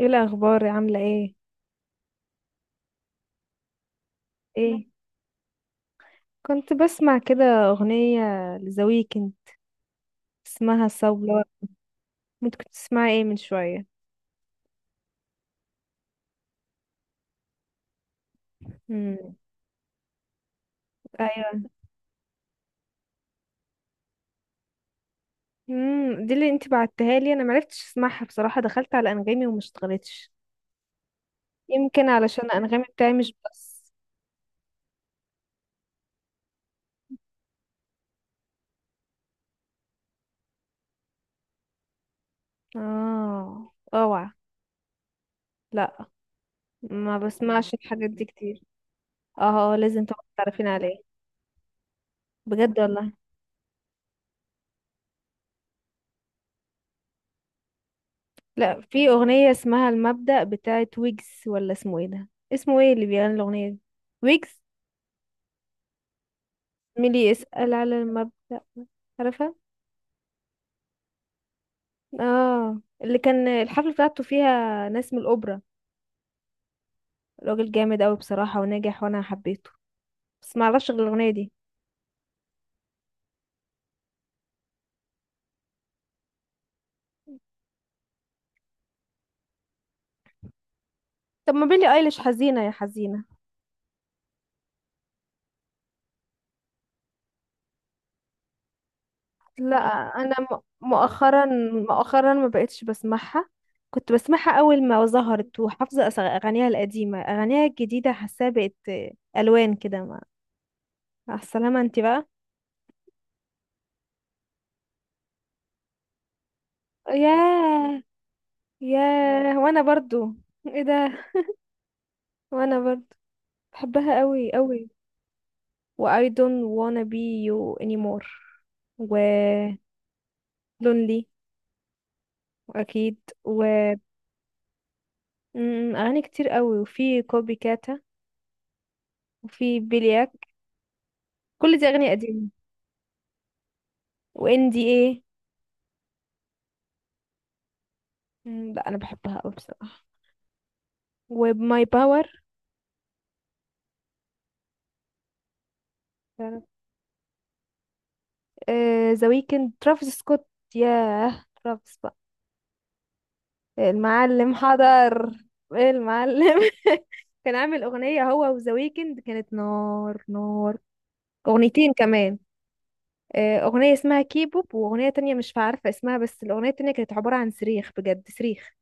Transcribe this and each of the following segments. ايه الاخبار عامله ايه؟ ايه كنت بسمع كده اغنيه لذا ويكند اسمها ساولا. انت كنت تسمعي ايه من شويه؟ امم ايوه. دي اللي انت بعتها لي، انا معرفتش اسمعها بصراحه، دخلت على انغامي وما اشتغلتش، يمكن علشان انغامي بتاعي مش بس. اه اوعى. لا، ما بسمعش الحاجات دي كتير. اه آه، لازم تبقى تعرفين عليه. بجد والله. لا، في اغنيه اسمها المبدأ بتاعت ويجز، ولا اسمه ايه ده؟ اسمه ايه اللي بيغني الاغنيه دي؟ ويجز ميلي اسأل على المبدأ. عارفة؟ اه، اللي كان الحفلة بتاعته فيها ناس من الأوبرا. راجل جامد أوي بصراحة وناجح وأنا حبيته، بس معرفش غير الأغنية دي. طب ما بيلي أيليش حزينة يا حزينة. لا، أنا مؤخرا، مؤخرا ما بقتش بسمعها. كنت بسمعها أول ما ظهرت، وحافظة أغانيها القديمة، أغانيها الجديدة حاساها بقت ألوان كده ما. مع السلامة انتي بقى. ياه. ياه، وأنا برضو. ايه ده؟ وأنا برضو، بحبها قوي قوي. و I don't wanna be you anymore، و lonely، واكيد، و اغاني كتير قوي، وفي كوبي كاتا، وفي بيلياك، كل دي اغاني قديمة. و NDA. م، لا انا بحبها قوي بصراحة. و my power. ذا ويكند، ترافيس سكوت. ياه، ترافيس بقى المعلم. حضر. ايه المعلم كان عامل أغنية هو وذا ويكند، كانت نار نار. أغنيتين كمان آه، اغنيه اسمها كيبوب، واغنيه تانية مش عارفه اسمها، بس الاغنيه التانية كانت عباره عن صريخ، بجد صريخ.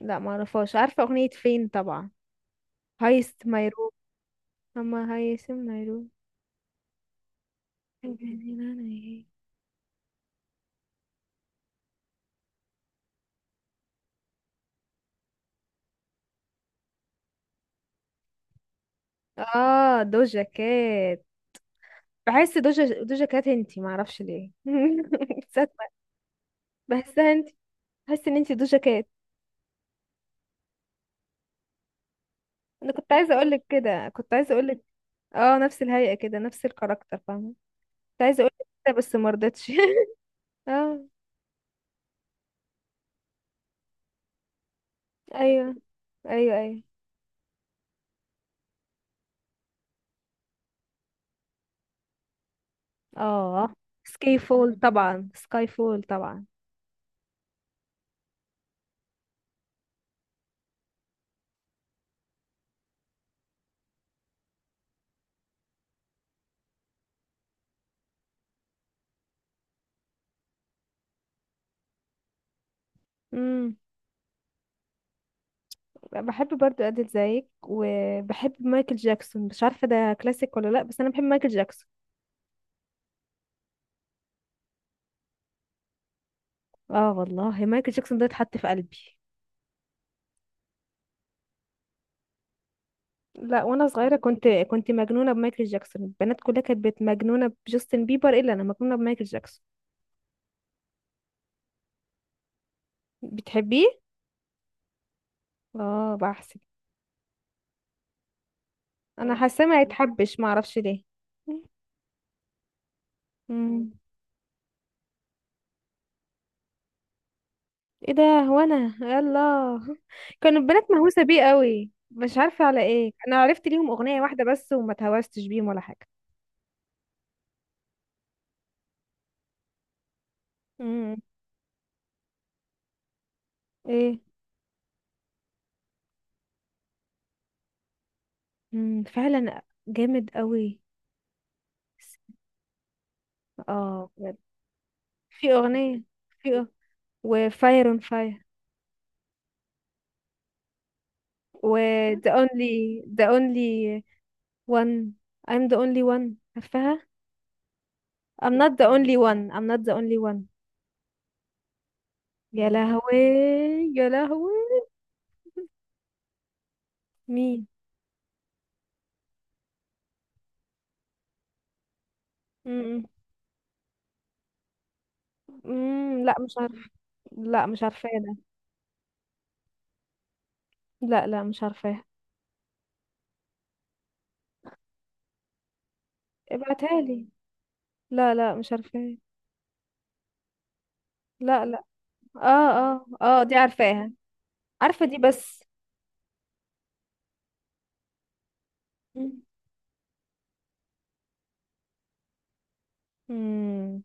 لا، ما اعرفهاش. عارفه اغنيه فين طبعا، هايست مايروم. اما هايست مايروم. اه، دوجا كات. بحس دوجا كات انتي، ما اعرفش ليه صدمة. بحسها انتي، بحس ان انتي دوجا كات. انا كنت عايزه اقول لك كده، كنت عايزه اقول لك. اه نفس الهيئه كده، نفس الكاركتر، فاهمه؟ كنت عايزه اقول لك كده بس ما رضيتش اه. ايوه ايوه ايوه. اه سكاي فول طبعا، سكاي فول طبعا. امم، بحب برضو ادل زيك، وبحب مايكل جاكسون، مش عارفه ده كلاسيك ولا لا، بس انا بحب مايكل جاكسون. اه والله، مايكل جاكسون ده اتحط في قلبي. لا، وانا صغيره كنت مجنونه بمايكل جاكسون، البنات كلها كانت مجنونه بجاستن بيبر، الا انا مجنونه بمايكل جاكسون. بتحبيه؟ اه، بحسب. انا حاسه ما يتحبش، ما اعرفش ليه. مم. ايه ده؟ هو انا يلا كان البنات مهووسه بيه قوي، مش عارفه على ايه، انا عرفت ليهم اغنيه واحده بس وما اتهوستش بيهم ولا حاجه. امم. ايه؟ امم، فعلا. جامد قوي. اه بجد. في اغنيه، في أغ- وفاير اون فاير، و the only one. I'm the only one، عارفاها؟ I'm not the only one، I'm not the only one. يا لهوي، يا لهوي. مين؟ امم. أمم، لا مش عارفه. لا مش عارفاه ده. لا لا، مش عارفاها. ابعتها لي. لا لا، مش عارفاها. لا لا. اه اه اه، دي عارفاها. عارفة دي بس. مم.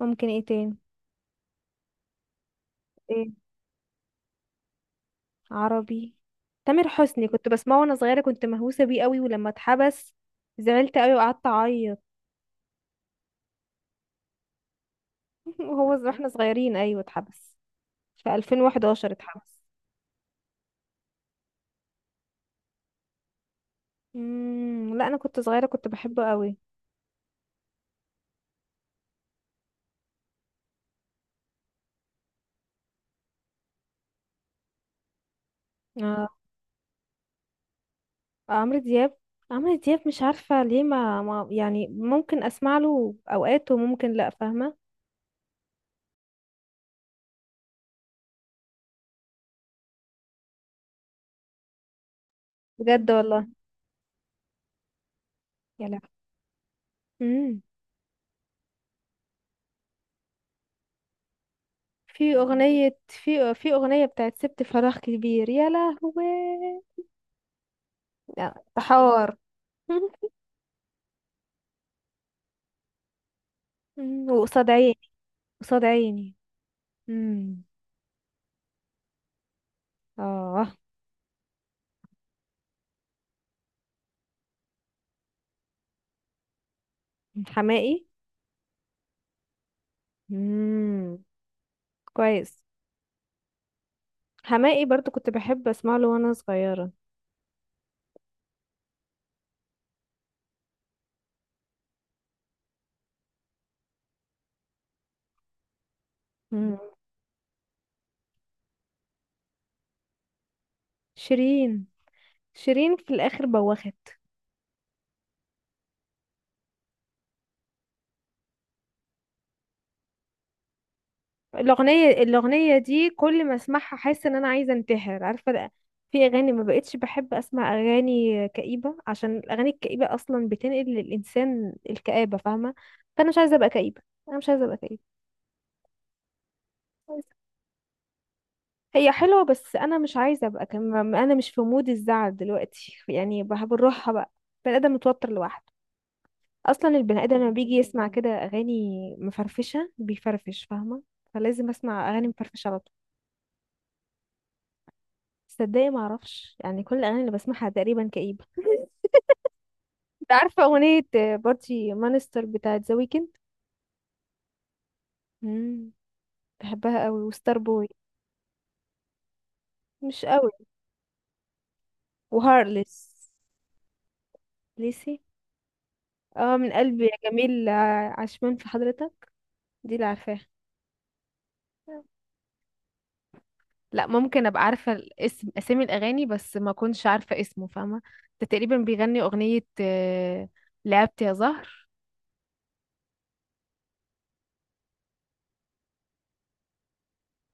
ممكن ايه تاني؟ ايه عربي؟ تامر حسني كنت بسمعه وانا صغيرة، كنت مهووسة بيه قوي، ولما اتحبس زعلت قوي وقعدت اعيط وهو واحنا صغيرين، ايوه اتحبس. في 2011 اتحبس. مم. لا انا كنت صغيرة كنت بحبه قوي. اه، عمرو دياب. عمرو دياب مش عارفة ليه، ما يعني ممكن أسمع له أوقات وممكن لأ، فاهمة؟ بجد والله. يا لهوي. امم. في في أغنية بتاعت سبت فراغ كبير. يا لهوي. لا، ده حوار مم. وقصاد عيني، قصاد عيني. امم. اه. حماقي. امم. كويس. حماقي برضو كنت بحب أسمع له وأنا صغيرة. مم. شيرين. شيرين في الآخر بوخت. الأغنية الأغنية دي كل ما أسمعها أحس إن أنا عايزة أنتحر، عارفة لأ. في أغاني ما بقتش بحب أسمع أغاني كئيبة، عشان الأغاني الكئيبة أصلا بتنقل للإنسان الكآبة، فاهمة؟ فأنا مش عايزة أبقى كئيبة، أنا مش عايزة أبقى كئيبة. هي حلوة بس أنا مش عايزة أبقى أنا مش في مود الزعل دلوقتي، يعني بنروحها بقى. البني آدم متوتر لوحده أصلا، البني آدم لما بيجي يسمع كده أغاني مفرفشة بيفرفش، فاهمة؟ فلازم أسمع أغاني مفرفشة على طول. تصدقي ما اعرفش، يعني كل الاغاني اللي بسمعها تقريبا كئيبه. انت عارفه اغنيه بارتي مانستر بتاعت ذا ويكند؟ امم، بحبها قوي. وستار بوي. مش قوي. وهارلس. ليسي. اه، من قلبي يا جميل، عشمان في حضرتك. دي اللي عارفاها. لا، ممكن ابقى عارفه الاسم، اسامي الاغاني بس ما كنتش عارفه اسمه، فاهمه؟ ده تقريبا بيغني اغنيه آه، لعبت يا زهر.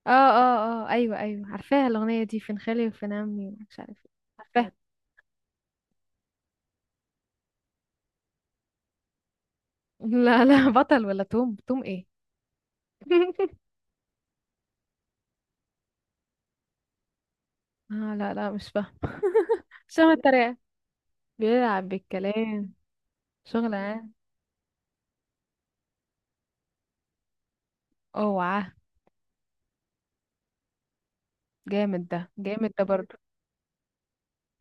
اه اه اه ايوه ايوه عارفاها الاغنيه دي، فين خالي وفين عمي، مش عارفه إيه. عارفاها. لا لا، بطل ولا توم، توم ايه آه لا لا، مش فاهم. شغل الطريقة، بيلعب بالكلام. شغل عام. اوعى، جامد ده، جامد ده برضو.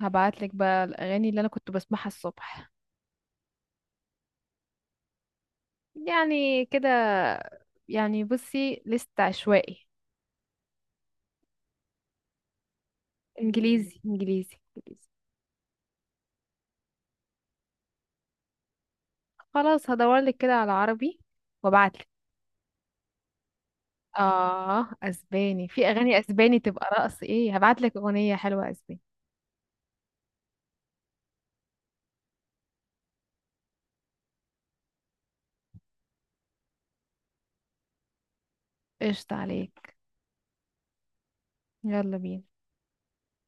هبعتلك بقى الأغاني اللي أنا كنت بسمعها الصبح. يعني كده، يعني بصي لست عشوائي. إنجليزي إنجليزي إنجليزي. خلاص هدورلك كده على عربي وابعتلك. آه أسباني، في أغاني أسباني تبقى رقص إيه، هبعتلك أغنية حلوة أسباني. قشطة عليك. يلا بينا.